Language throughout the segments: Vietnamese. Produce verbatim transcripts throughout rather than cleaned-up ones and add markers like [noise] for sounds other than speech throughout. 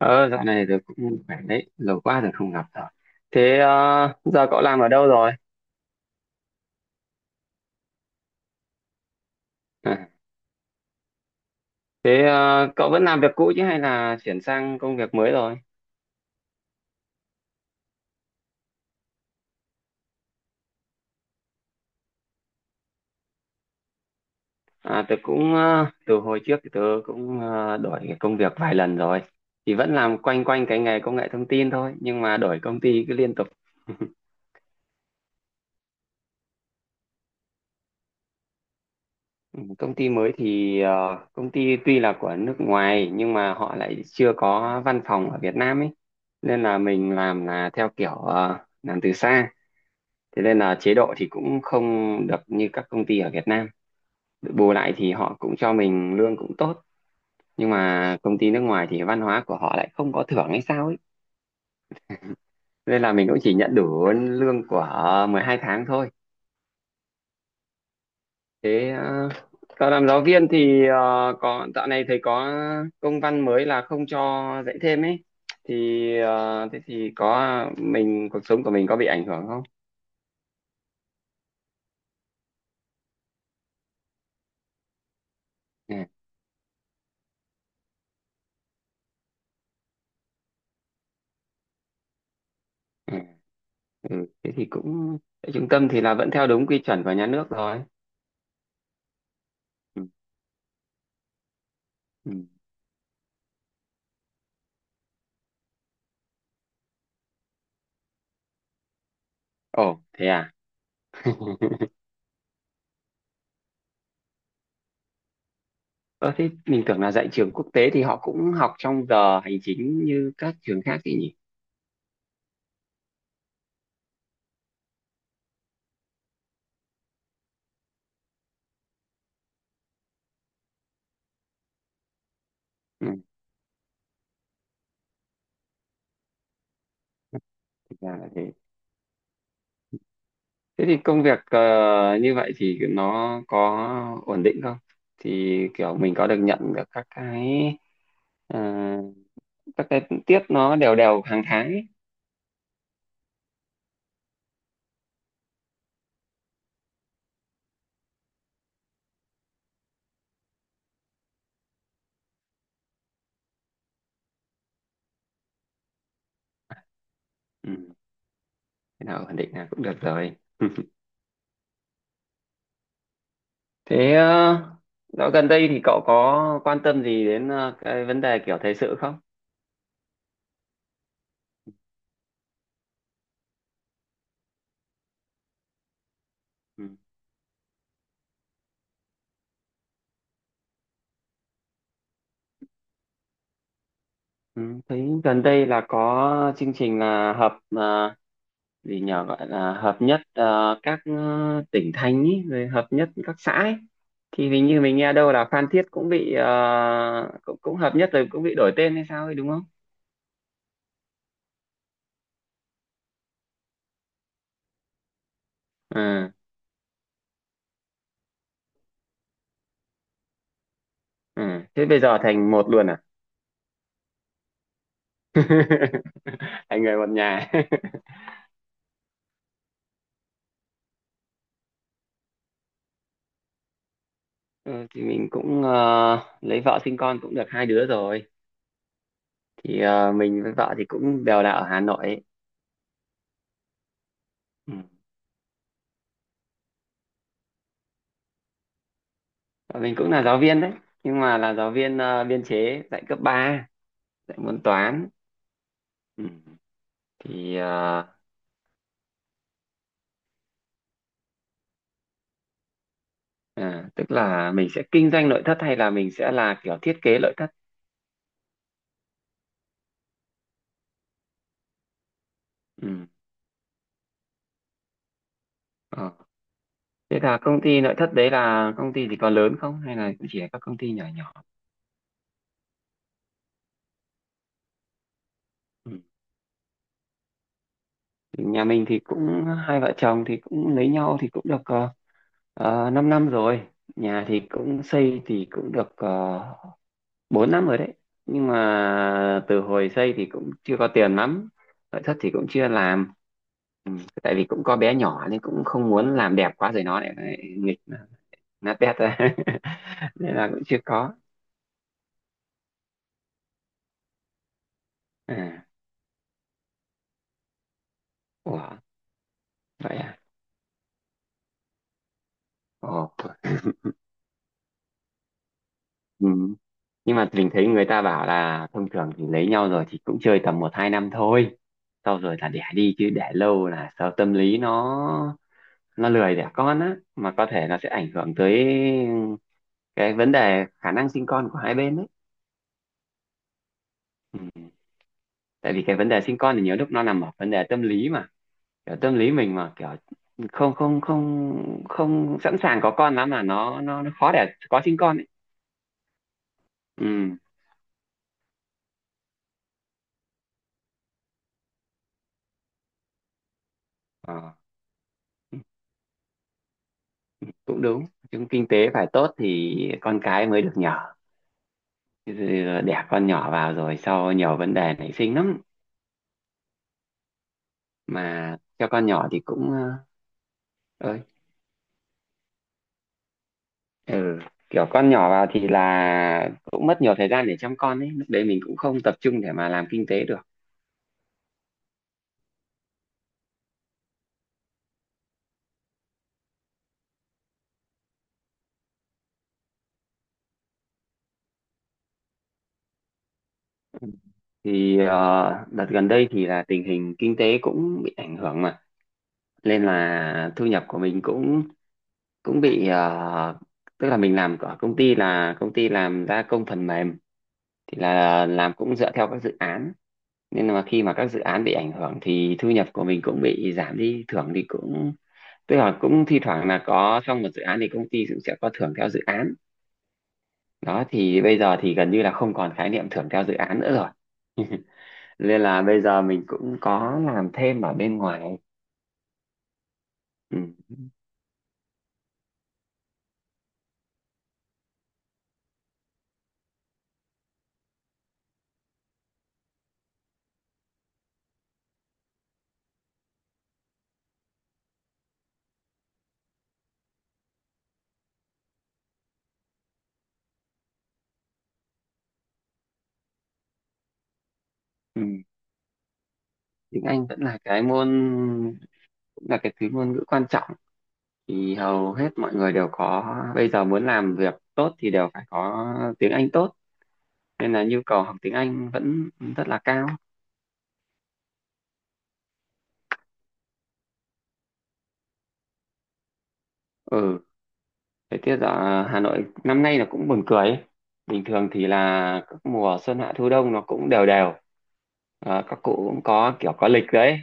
Ờ, dạo này tôi cũng khỏe đấy, lâu quá rồi không gặp rồi. Thế ờ, giờ cậu làm ở đâu rồi? À, thế ờ, cậu vẫn làm việc cũ chứ hay là chuyển sang công việc mới rồi? À, tớ cũng ờ, từ hồi trước thì tớ cũng ờ, đổi cái công việc vài lần rồi. Thì vẫn làm quanh quanh cái nghề công nghệ thông tin thôi, nhưng mà đổi công ty cứ liên tục. Ừ, Công ty mới thì ờ, công ty tuy là của nước ngoài nhưng mà họ lại chưa có văn phòng ở Việt Nam ấy. Nên là mình làm là theo kiểu ờ, làm từ xa. Thế nên là chế độ thì cũng không được như các công ty ở Việt Nam, bù lại thì họ cũng cho mình lương cũng tốt, nhưng mà công ty nước ngoài thì văn hóa của họ lại không có thưởng hay sao ấy, nên là mình cũng chỉ nhận đủ lương của mười hai tháng thôi. Thế ờ, còn làm giáo viên thì ờ, có dạo này thầy có công văn mới là không cho dạy thêm ấy, thì ờ, thế thì có mình cuộc sống của mình có bị ảnh hưởng không? Ừ. Ừ, ừ, thế thì cũng tại trung tâm thì là vẫn theo đúng quy chuẩn của nhà nước rồi. Ừ. Ừ. Ồ, thế à? [laughs] Ờ, thế mình tưởng là dạy trường quốc tế thì họ cũng học trong giờ hành chính như các trường khác thì nhỉ? Ừ, thực ra là thế. Thế thì công việc ờ, như vậy thì nó có ổn định không? Thì kiểu mình có được nhận được các cái ờ, các cái tiết nó đều đều hàng tháng ấy. Ừ, thế nào ổn định là cũng được rồi. [laughs] Thế ờ, dạo gần đây thì cậu có quan tâm gì đến ờ, cái vấn đề kiểu thời sự không? Ừ. Ừ, thấy gần đây là có chương trình là hợp à, gì nhỉ gọi là hợp nhất, à, các ờ, tỉnh thành ý, rồi hợp nhất các xã ấy. Thì hình như mình nghe đâu là Phan Thiết cũng bị ờ, cũng, cũng hợp nhất rồi cũng bị đổi tên hay sao ấy, đúng không? Ừ, ừ. Thế bây giờ thành một luôn à? [laughs] Thành người một nhà. [laughs] Ừ, thì mình cũng ờ, lấy vợ sinh con cũng được hai đứa rồi. Thì ờ, mình với vợ thì cũng đều là ở Hà Nội ấy. Và mình cũng là giáo viên đấy, nhưng mà là giáo viên ờ, biên chế dạy cấp ba, dạy môn toán. Ừ. Thì ờ, à, tức là mình sẽ kinh doanh nội thất hay là mình sẽ là kiểu thiết kế nội thất? Ừ. Ờ. Thế là công ty nội thất đấy là công ty thì có lớn không hay là cũng chỉ là các công ty nhỏ nhỏ? Ừ. Thì nhà mình thì cũng hai vợ chồng thì cũng lấy nhau thì cũng được uh, 5 năm năm rồi. Nhà thì cũng xây thì cũng được ờ, bốn năm rồi đấy, nhưng mà từ hồi xây thì cũng chưa có tiền lắm, nội thất thì cũng chưa làm. Ừ. Tại vì cũng có bé nhỏ nên cũng không muốn làm đẹp quá rồi nó lại lại nghịch nó- nát bét ra. [laughs] Nên là cũng chưa có. À. Ủa. Vậy à? Ồ. Ừ. Nhưng mà mình thấy người ta bảo là thông thường thì lấy nhau rồi thì cũng chơi tầm một hai năm thôi, sau rồi là đẻ đi chứ để lâu là sợ tâm lý nó nó lười đẻ con á, mà có thể nó sẽ ảnh hưởng tới cái vấn đề khả năng sinh con của hai bên đấy. Ừ. Tại vì cái vấn đề sinh con thì nhiều lúc nó nằm ở vấn đề tâm lý mà, kiểu tâm lý mình mà kiểu không không không không sẵn sàng có con lắm, mà nó nó, nó khó để có sinh con ấy. Ừ. Ờ, cũng đúng, chúng kinh tế phải tốt thì con cái mới được nhỏ. Chứ đẻ con nhỏ vào rồi sau nhiều vấn đề nảy sinh lắm, mà cho con nhỏ thì cũng ờ, ơi. Ừ. Kiểu con nhỏ vào thì là cũng mất nhiều thời gian để chăm con ấy, lúc đấy mình cũng không tập trung để mà làm kinh tế được. Thì ờ, đợt gần đây thì là tình hình kinh tế cũng bị ảnh hưởng mà, nên là thu nhập của mình cũng cũng bị ờ, tức là mình làm ở công ty là công ty làm gia công phần mềm, thì là làm cũng dựa theo các dự án, nên là khi mà các dự án bị ảnh hưởng thì thu nhập của mình cũng bị giảm đi. Thưởng thì cũng tức là cũng thi thoảng là có trong một dự án thì công ty cũng sẽ có thưởng theo dự án. Đó thì bây giờ thì gần như là không còn khái niệm thưởng theo dự án nữa rồi, nên là bây giờ mình cũng có làm thêm ở bên ngoài. Ừ. Ừ. Tiếng Anh vẫn là cái môn, cũng là cái thứ ngôn ngữ quan trọng, thì hầu hết mọi người đều có. Bây giờ muốn làm việc tốt thì đều phải có tiếng Anh tốt, nên là nhu cầu học tiếng Anh vẫn rất là cao. Ừ. Thời tiết ở Hà Nội năm nay là cũng buồn cười ấy. Bình thường thì là các mùa xuân hạ thu đông nó cũng đều đều. Ờ, các cụ cũng có kiểu có lịch đấy.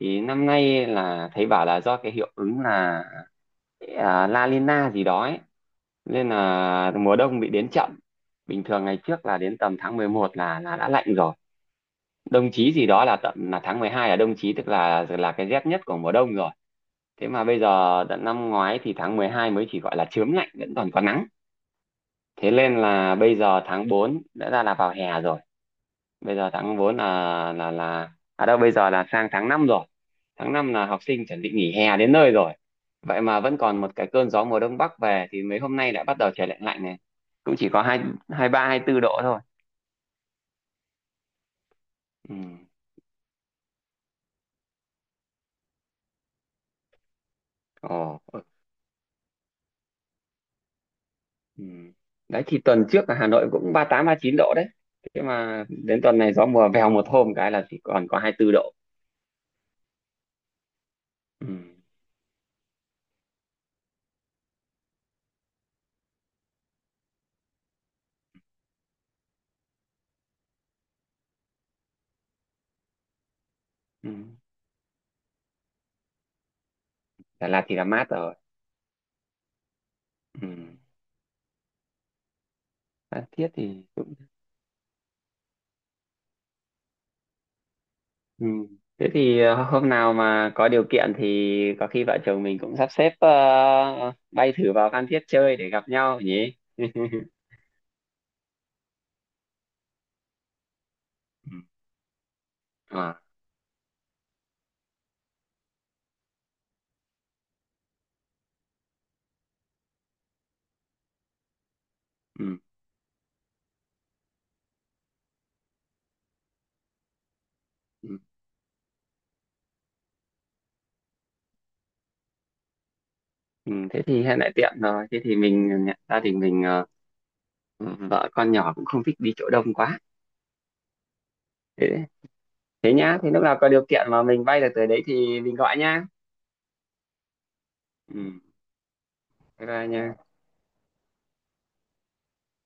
Thì năm nay là thấy bảo là do cái hiệu ứng là à, La Nina gì đó ấy. Nên là mùa đông bị đến chậm. Bình thường ngày trước là đến tầm tháng mười một là là đã lạnh rồi. Đông chí gì đó là tận là tháng mười hai là đông chí, tức là là cái rét nhất của mùa đông rồi. Thế mà bây giờ tận năm ngoái thì tháng mười hai mới chỉ gọi là chớm lạnh, vẫn còn có nắng. Thế nên là bây giờ tháng bốn đã ra là vào hè rồi. Bây giờ tháng bốn là là là à đâu, bây giờ là sang tháng năm rồi. Tháng năm là học sinh chuẩn bị nghỉ hè đến nơi rồi. Vậy mà vẫn còn một cái cơn gió mùa đông bắc về thì mấy hôm nay lại bắt đầu trời lạnh lạnh này, cũng chỉ có hai hai ba hai tư độ thôi. Ừ. Ồ, ừ. Ừ. Đấy thì tuần trước là Hà Nội cũng ba tám ba chín độ đấy, thế mà đến tuần này gió mùa vèo một hôm cái là chỉ còn có hai tư độ. Ừ. Ừ. Đà Lạt thì là mát rồi. Ừ. Đã thiết thì. Ừ. Thế thì ờ, hôm nào mà có điều kiện thì có khi vợ chồng mình cũng sắp xếp ờ, bay thử vào Phan Thiết chơi để gặp nhau nhỉ? [laughs] Ừ. À, ừ, ừ, ừ, thế thì hiện tại tiện rồi. Thế thì mình gia đình mình ờ, ừ, vợ con nhỏ cũng không thích đi chỗ đông quá. Thế, thế nhá. Thế lúc nào có điều kiện mà mình bay được tới đấy thì mình gọi nhá. Ừ, bye bye nha.